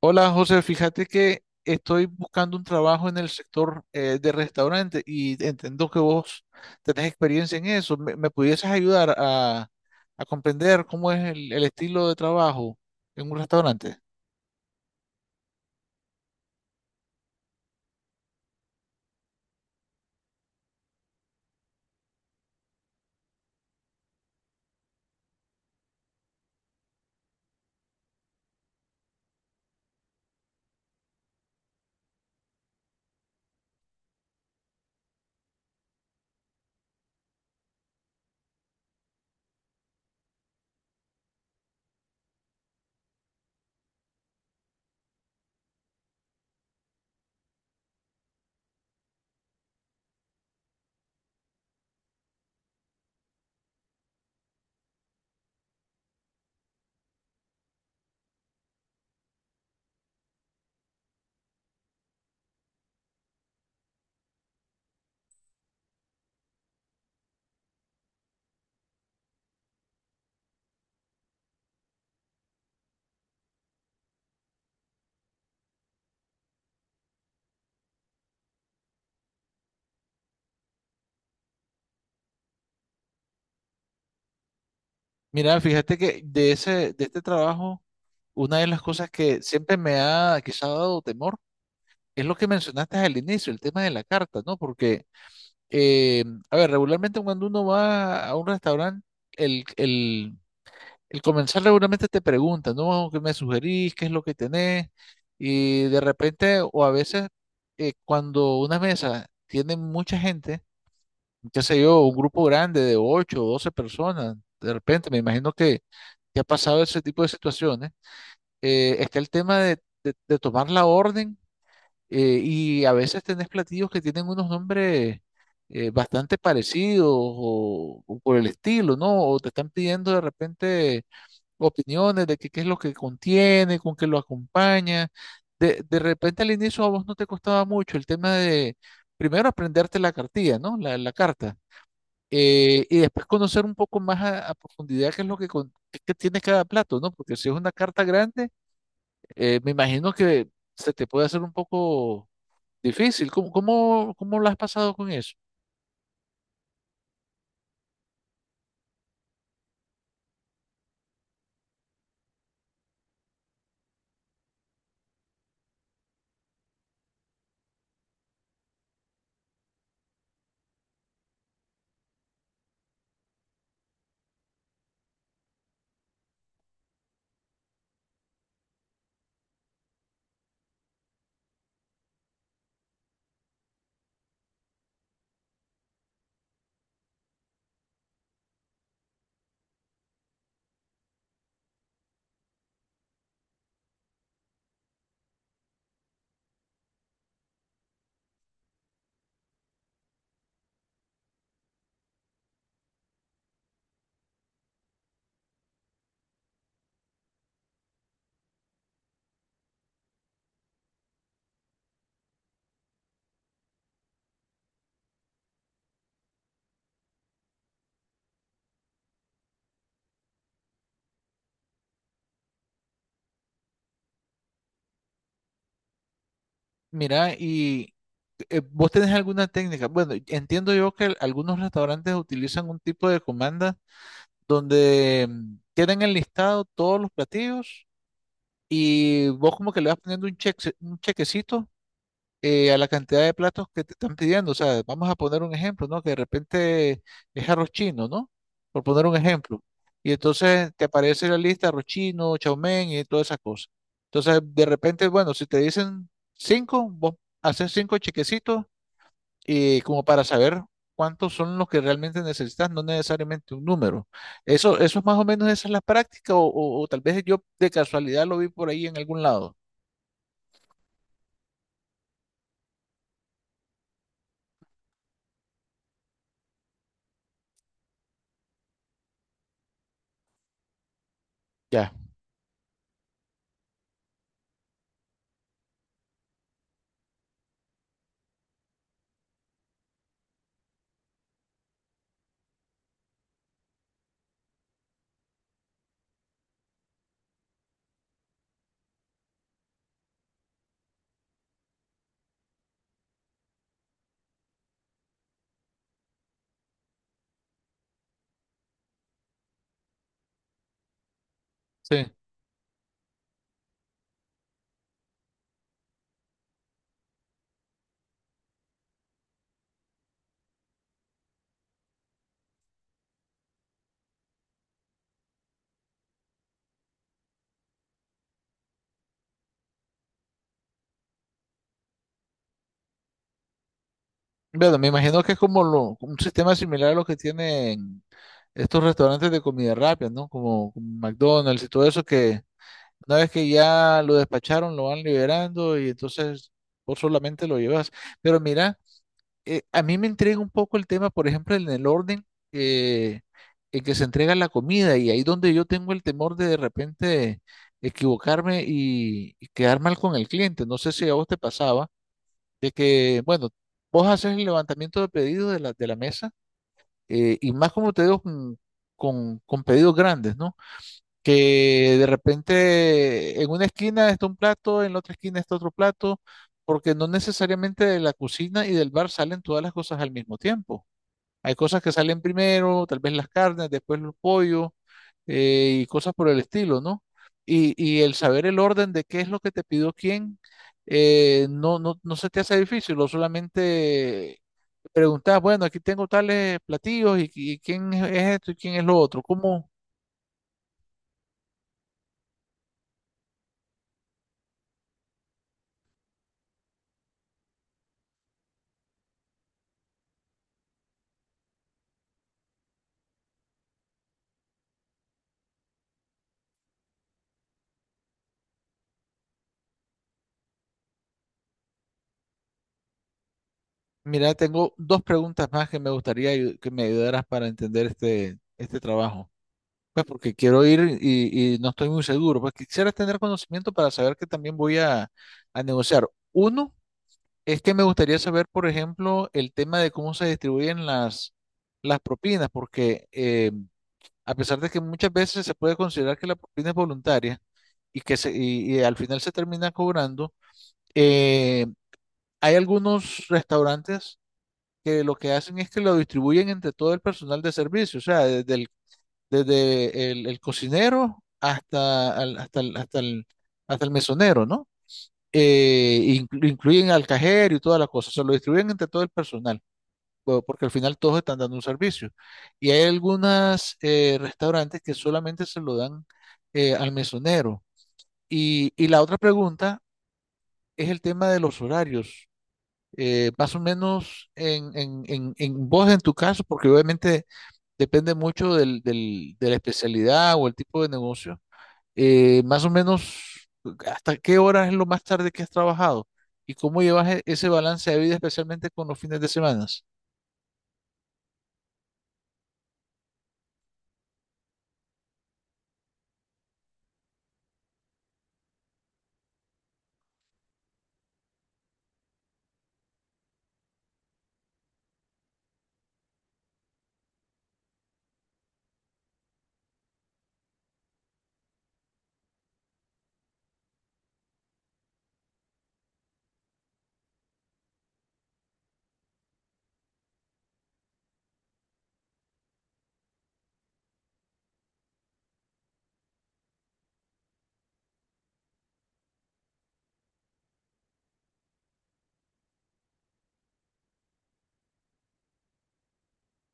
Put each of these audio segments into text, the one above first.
Hola José, fíjate que estoy buscando un trabajo en el sector de restaurante y entiendo que vos tenés experiencia en eso. ¿Me pudieses ayudar a comprender cómo es el estilo de trabajo en un restaurante? Mira, fíjate que de de este trabajo, una de las cosas que siempre me ha quizá dado temor es lo que mencionaste al inicio, el tema de la carta, ¿no? Porque, eh, a ver, regularmente cuando uno va a un restaurante, el el el comenzar regularmente te pregunta, ¿no? ¿Qué me sugerís? ¿Qué es lo que tenés? Y de repente, o a veces, cuando una mesa tiene mucha gente, qué sé yo, un grupo grande de 8 o 12 personas, de repente, me imagino que ha pasado ese tipo de situaciones, está el tema de tomar la orden, y a veces tenés platillos que tienen unos nombres bastante parecidos o por el estilo, ¿no? O te están pidiendo de repente opiniones de que qué es lo que contiene, con qué lo acompaña. De repente al inicio a vos no te costaba mucho el tema de primero aprenderte la cartilla, ¿no? La carta. Y después conocer un poco más a profundidad qué es lo que, qué tiene cada plato, ¿no? Porque si es una carta grande, me imagino que se te puede hacer un poco difícil. ¿ cómo lo has pasado con eso? Mira, y ¿vos tenés alguna técnica? Bueno, entiendo yo que algunos restaurantes utilizan un tipo de comanda donde tienen enlistado todos los platillos y vos como que le vas poniendo un cheque, un chequecito, a la cantidad de platos que te están pidiendo. O sea, vamos a poner un ejemplo, ¿no? Que de repente es arroz chino, ¿no? Por poner un ejemplo. Y entonces te aparece la lista arroz chino, chow mein y todas esas cosas. Entonces, de repente, bueno, si te dicen cinco, vos haces cinco chequecitos, como para saber cuántos son los que realmente necesitas, no necesariamente un número. Eso es más o menos, esa es la práctica, o tal vez yo de casualidad lo vi por ahí en algún lado. Ya, sí. Bueno, me imagino que es como un sistema similar a lo que tienen estos restaurantes de comida rápida, ¿no? Como McDonald's y todo eso, que una vez que ya lo despacharon, lo van liberando y entonces vos solamente lo llevas. Pero mira, a mí me intriga un poco el tema, por ejemplo, en el orden eh, en que se entrega la comida, y ahí donde yo tengo el temor de repente equivocarme y quedar mal con el cliente. No sé si a vos te pasaba de que, bueno, vos haces el levantamiento de pedidos de de la mesa, y más como te digo, con pedidos grandes, ¿no? Que de repente en una esquina está un plato, en la otra esquina está otro plato, porque no necesariamente de la cocina y del bar salen todas las cosas al mismo tiempo. Hay cosas que salen primero, tal vez las carnes, después los pollos, y cosas por el estilo, ¿no? Y el saber el orden de qué es lo que te pidió quién, no se te hace difícil, o solamente preguntas, bueno, aquí tengo tales platillos y quién es esto y quién es lo otro. ¿Cómo? Mira, tengo dos preguntas más que me gustaría que me ayudaras para entender este trabajo. Pues porque quiero ir y no estoy muy seguro. Pues quisiera tener conocimiento para saber que también voy a negociar. Uno es que me gustaría saber, por ejemplo, el tema de cómo se distribuyen las propinas, porque a pesar de que muchas veces se puede considerar que la propina es voluntaria y que y al final se termina cobrando, eh, hay algunos restaurantes que lo que hacen es que lo distribuyen entre todo el personal de servicio, o sea, desde el cocinero hasta, al- hasta, el, hasta, el, hasta el mesonero, ¿no? Incluyen al cajero y toda la cosa, se lo distribuyen entre todo el personal, po- porque al final todos están dando un servicio. Y hay algunos restaurantes que solamente se lo dan, al mesonero. Y la otra pregunta es el tema de los horarios. Más o menos en vos, en tu caso, porque obviamente depende mucho de la especialidad o el tipo de negocio. Más o menos, ¿hasta qué hora es lo más tarde que has trabajado? ¿Y cómo llevas ese balance de vida, especialmente con los fines de semana?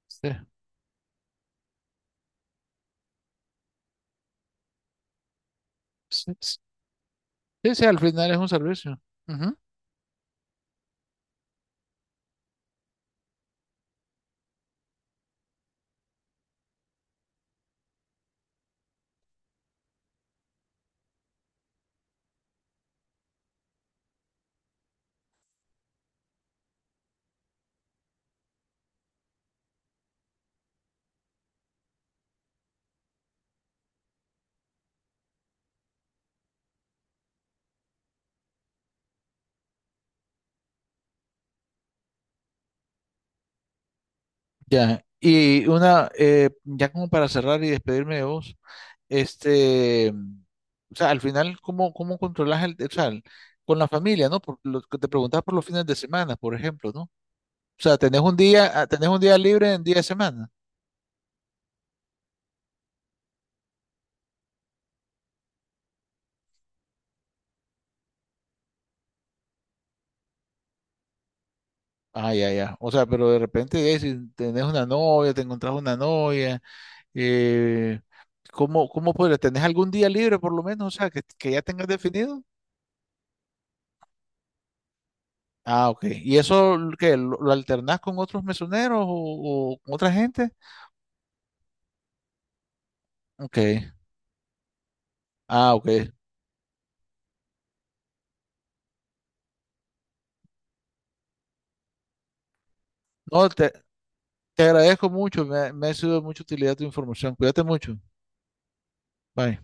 Sí, sí, sí, sí, al final es un servicio. Ujú. Ya, y una, ya como para cerrar y despedirme de vos, este, o sea, al final, ¿cómo controlas o sea, con la familia, ¿no? Por lo que te preguntabas por los fines de semana, por ejemplo, ¿no? O sea, tenés un día, ah, tenés un día libre en día de semana. Ah, ya, ya. O sea, pero de repente, si tenés una novia, te encontrás una novia, eh, cómo podrías? ¿Tenés algún día libre por lo menos? O sea, que ya tengas definido. Ah, ok. ¿Y eso qué? ¿ lo alternás con otros mesoneros o con otra gente? Ok. Ah, ok. No, te agradezco mucho. Me ha sido de mucha utilidad tu información. Cuídate mucho. Bye.